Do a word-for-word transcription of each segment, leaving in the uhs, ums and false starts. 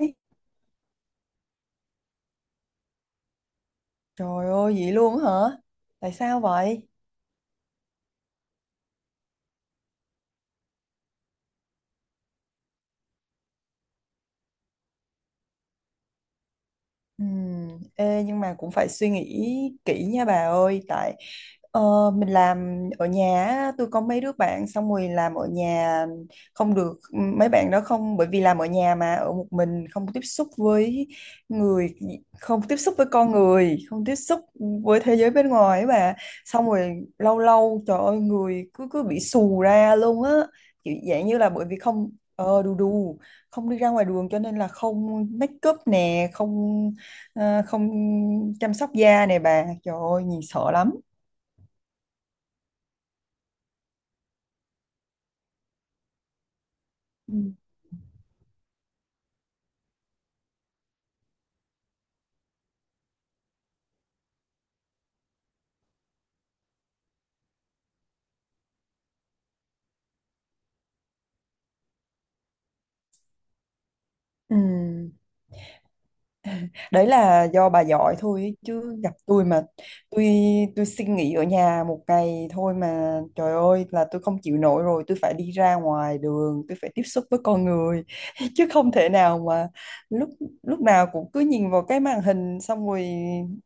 Ê, trời ơi, vậy luôn hả? Tại sao vậy? Ừm, ê, nhưng mà cũng phải suy nghĩ kỹ nha bà ơi tại ờ, mình làm ở nhà á, tôi có mấy đứa bạn xong rồi làm ở nhà không được, ừ, mấy bạn đó không, bởi vì làm ở nhà mà ở một mình không tiếp xúc với người, không tiếp xúc với con người, không tiếp xúc với thế giới bên ngoài ấy bà. Xong rồi lâu lâu trời ơi người cứ cứ bị xù ra luôn á, kiểu dạng như là bởi vì không ờ đù đù không đi ra ngoài đường cho nên là không make up nè, không Ờ, không chăm sóc da này bà, trời ơi nhìn sợ lắm. Ừ. Ừ. Đấy là do bà giỏi thôi ấy, chứ gặp tôi mà tôi tôi xin nghỉ ở nhà một ngày thôi mà trời ơi là tôi không chịu nổi rồi, tôi phải đi ra ngoài đường, tôi phải tiếp xúc với con người chứ không thể nào mà lúc lúc nào cũng cứ nhìn vào cái màn hình, xong rồi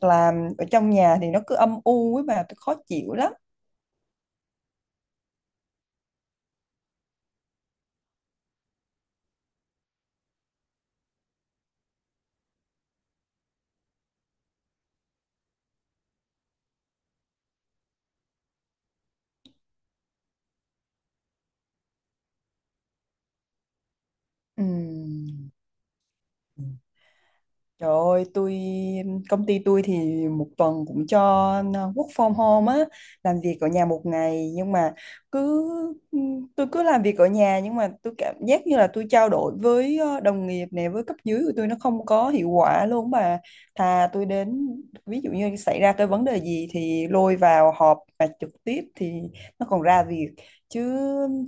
làm ở trong nhà thì nó cứ âm u ấy bà, tôi khó chịu lắm. Ừ. Trời ơi, tôi công ty tôi thì một tuần cũng cho work from home á, làm việc ở nhà một ngày, nhưng mà cứ tôi cứ làm việc ở nhà nhưng mà tôi cảm giác như là tôi trao đổi với ờ, đồng nghiệp này với cấp dưới của tôi nó không có hiệu quả luôn bà. Thà tôi đến, ví dụ như xảy ra cái vấn đề gì thì lôi vào họp và trực tiếp thì nó còn ra việc, chứ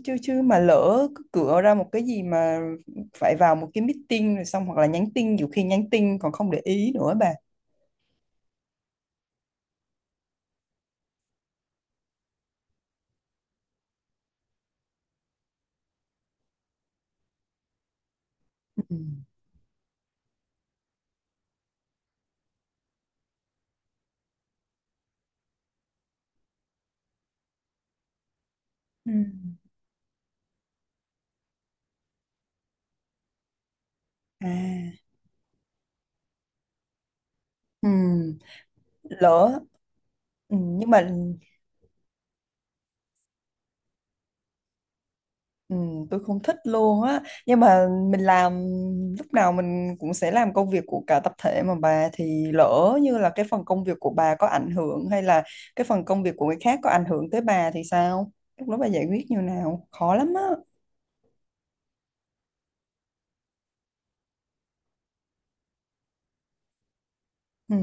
chứ chứ mà lỡ cứ cửa ra một cái gì mà phải vào một cái meeting rồi xong, hoặc là nhắn tin, nhiều khi nhắn tin còn không để ý nữa bà. Ừ. Ừ. À. Ừ. Lỡ. Ừ. Nhưng mà ừ, tôi không thích luôn á, nhưng mà mình làm lúc nào mình cũng sẽ làm công việc của cả tập thể, mà bà thì lỡ như là cái phần công việc của bà có ảnh hưởng, hay là cái phần công việc của người khác có ảnh hưởng tới bà thì sao, lúc đó bà giải quyết như nào khó lắm á. Ừ.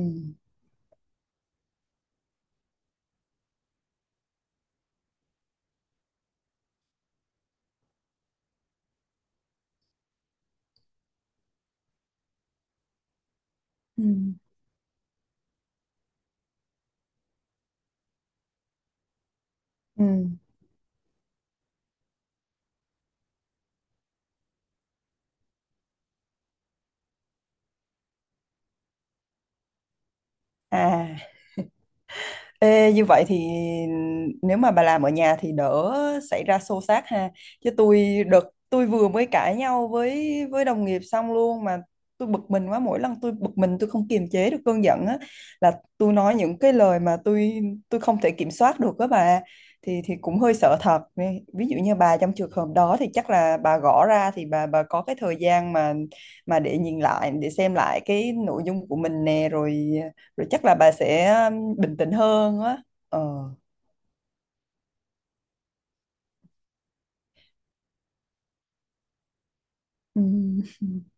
Ừ. Ừ. À. Ê, như vậy thì nếu mà bà làm ở nhà thì đỡ xảy ra xô xát ha. Chứ tôi đợt tôi vừa mới cãi nhau với với đồng nghiệp xong luôn mà, tôi bực mình quá, mỗi lần tôi bực mình tôi không kiềm chế được cơn giận á, là tôi nói những cái lời mà tôi tôi không thể kiểm soát được đó bà, thì thì cũng hơi sợ thật. Ví Ví dụ như bà trong trường hợp đó thì chắc là bà gõ ra thì bà bà có cái thời gian mà mà để nhìn lại, để xem lại cái nội dung của mình nè, rồi rồi chắc là bà sẽ um, bình tĩnh hơn á. Ờ. Ừ.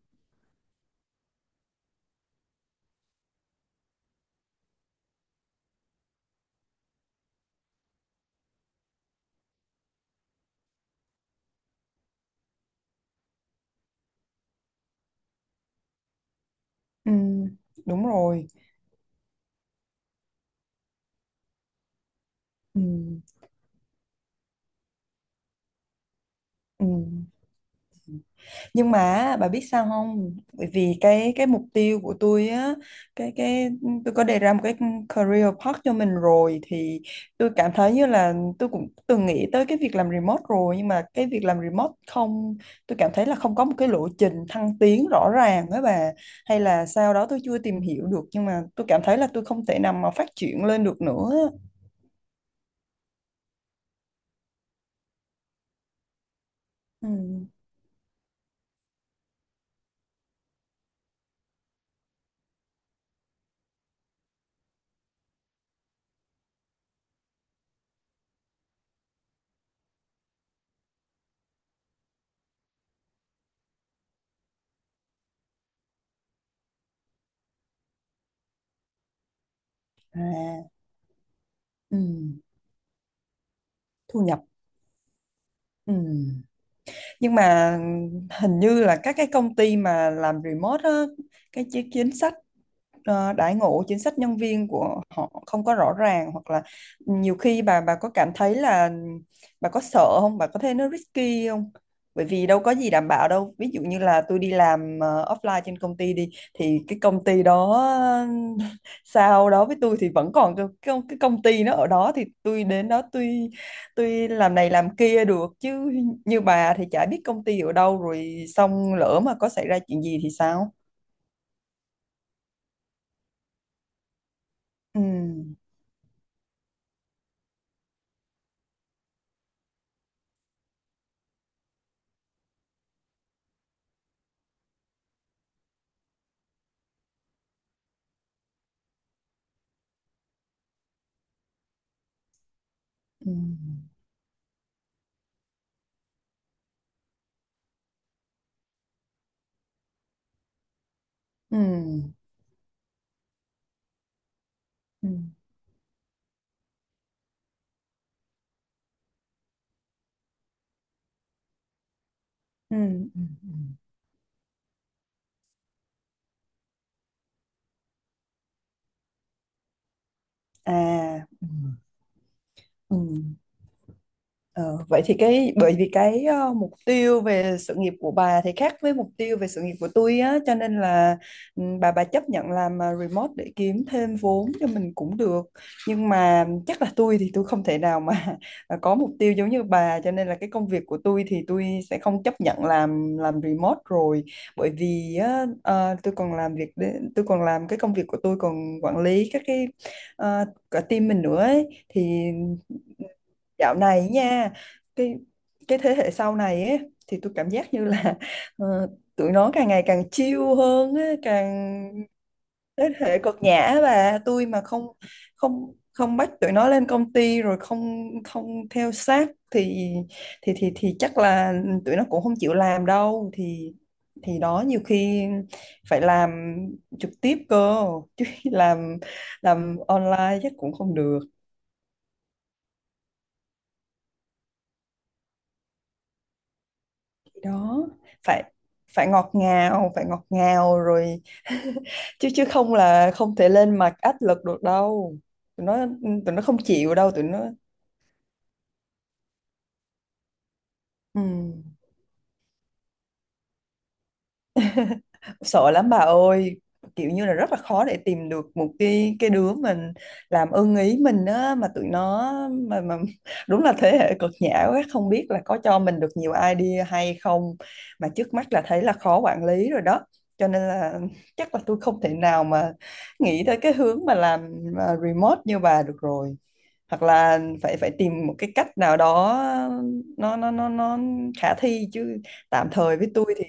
Ừ, đúng rồi. Ừ. Ừ. Nhưng mà bà biết sao không, bởi vì cái cái mục tiêu của tôi á, cái cái tôi có đề ra một cái career path cho mình rồi, thì tôi cảm thấy như là tôi cũng từng nghĩ tới cái việc làm remote rồi, nhưng mà cái việc làm remote không, tôi cảm thấy là không có một cái lộ trình thăng tiến rõ ràng với bà, hay là sau đó tôi chưa tìm hiểu được, nhưng mà tôi cảm thấy là tôi không thể nào mà phát triển lên được nữa. Ừ. À. Ừ. Thu nhập. Ừ. Nhưng mà hình như là các cái công ty mà làm remote á, cái chi- chính sách ờ, đãi ngộ, chính sách nhân viên của họ không có rõ ràng, hoặc là nhiều khi bà bà có cảm thấy là bà có sợ không, bà có thấy nó risky không, bởi vì đâu có gì đảm bảo đâu, ví dụ như là tôi đi làm ờ, offline trên công ty đi thì cái công ty đó sau đó với tôi thì vẫn còn cái, cái, cái công ty nó ở đó thì tôi đến đó tôi tuy làm này làm kia được, chứ như bà thì chả biết công ty ở đâu rồi, xong lỡ mà có xảy ra chuyện gì thì sao. Ừ. Ừ. Ừ. Ừ. Ừ. Ừ. Ừ. À. Ừ. Ừ. Ờ, vậy thì cái bởi vì cái ờ, mục tiêu về sự nghiệp của bà thì khác với mục tiêu về sự nghiệp của tôi á, cho nên là ừ, bà bà chấp nhận làm ờ, remote để kiếm thêm vốn cho mình cũng được, nhưng mà chắc là tôi thì tôi không thể nào mà có mục tiêu giống như bà, cho nên là cái công việc của tôi thì tôi sẽ không chấp nhận làm làm remote rồi, bởi vì á, ờ, tôi còn làm việc để- tôi còn làm cái công việc của tôi, còn quản lý các cái ờ, cả team mình nữa ấy, thì. Dạo này nha, cái cái thế hệ sau này ấy, thì tôi cảm giác như là ờ, tụi nó càng ngày càng chill hơn á, càng thế hệ cực nhã, và tôi mà không không không bắt tụi nó lên công ty, rồi không không theo sát thì thì thì thì chắc là tụi nó cũng không chịu làm đâu, thì thì đó nhiều khi phải làm trực tiếp cơ chứ. làm làm online chắc cũng không được đó, phải phải ngọt ngào, phải ngọt ngào rồi. chứ chứ không là không thể lên mặt áp lực được đâu, tụi nó, tụi nó không chịu đâu tụi nó. Ừ. Sợ lắm bà ơi, kiểu như là rất là khó để tìm được một cái cái đứa mình làm ưng ý mình á, mà tụi nó mà mà đúng là thế hệ cực nhã quá, không biết là có cho mình được nhiều idea hay không, mà trước mắt là thấy là khó quản lý rồi đó, cho nên là chắc là tôi không thể nào mà nghĩ tới cái hướng mà làm à, remote như bà được rồi, hoặc là phải phải tìm một cái cách nào đó nó nó nó nó khả thi chứ. Tạm thời với tôi thì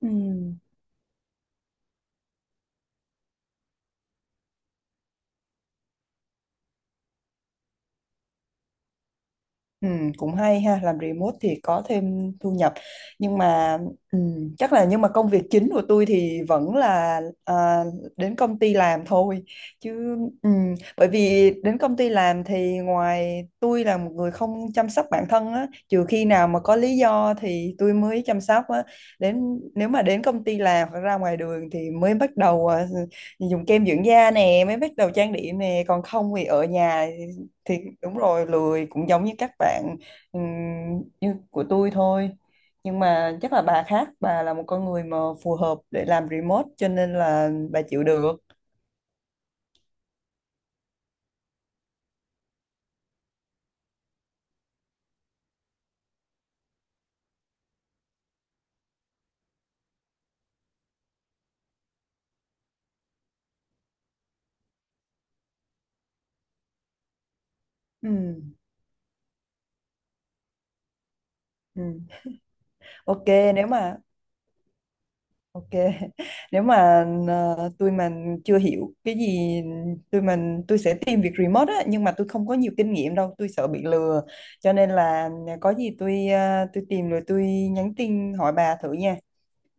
ừ. Ừ, cũng hay ha, làm remote thì có thêm thu nhập, nhưng mà ừ, chắc là nhưng mà công việc chính của tôi thì vẫn là à, đến công ty làm thôi, chứ ừ, bởi vì đến công ty làm thì ngoài, tôi là một người không chăm sóc bản thân á, trừ khi nào mà có lý do thì tôi mới chăm sóc á, đến nếu mà đến công ty làm hoặc ra ngoài đường thì mới bắt đầu à, dùng kem dưỡng da nè, mới bắt đầu trang điểm nè, còn không thì ở nhà thì đúng rồi lười, cũng giống như các bạn ừm, như của tôi thôi. Nhưng mà chắc là bà khác, bà là một con người mà phù hợp để làm remote cho nên là bà chịu được. Ừ. Ừ. Ok, nếu mà ok nếu mà ờ, tôi mà chưa hiểu cái gì, tôi mình tôi sẽ tìm việc remote á, nhưng mà tôi không có nhiều kinh nghiệm đâu, tôi sợ bị lừa, cho nên là có gì tôi ờ, tôi tìm rồi tôi nhắn tin hỏi bà thử nha,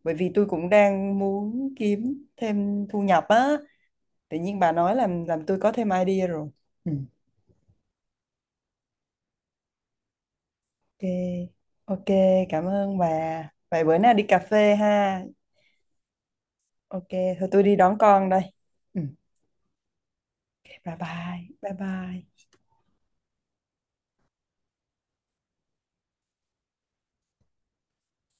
bởi vì tôi cũng đang muốn kiếm thêm thu nhập á, tự nhiên bà nói làm làm tôi có thêm idea rồi. Ừ. Ok. Ok, cảm ơn bà, vậy bữa nào đi cà phê ha. Ok, thôi tôi đi đón con đây. Ừ. Thế bye bye, bye bye.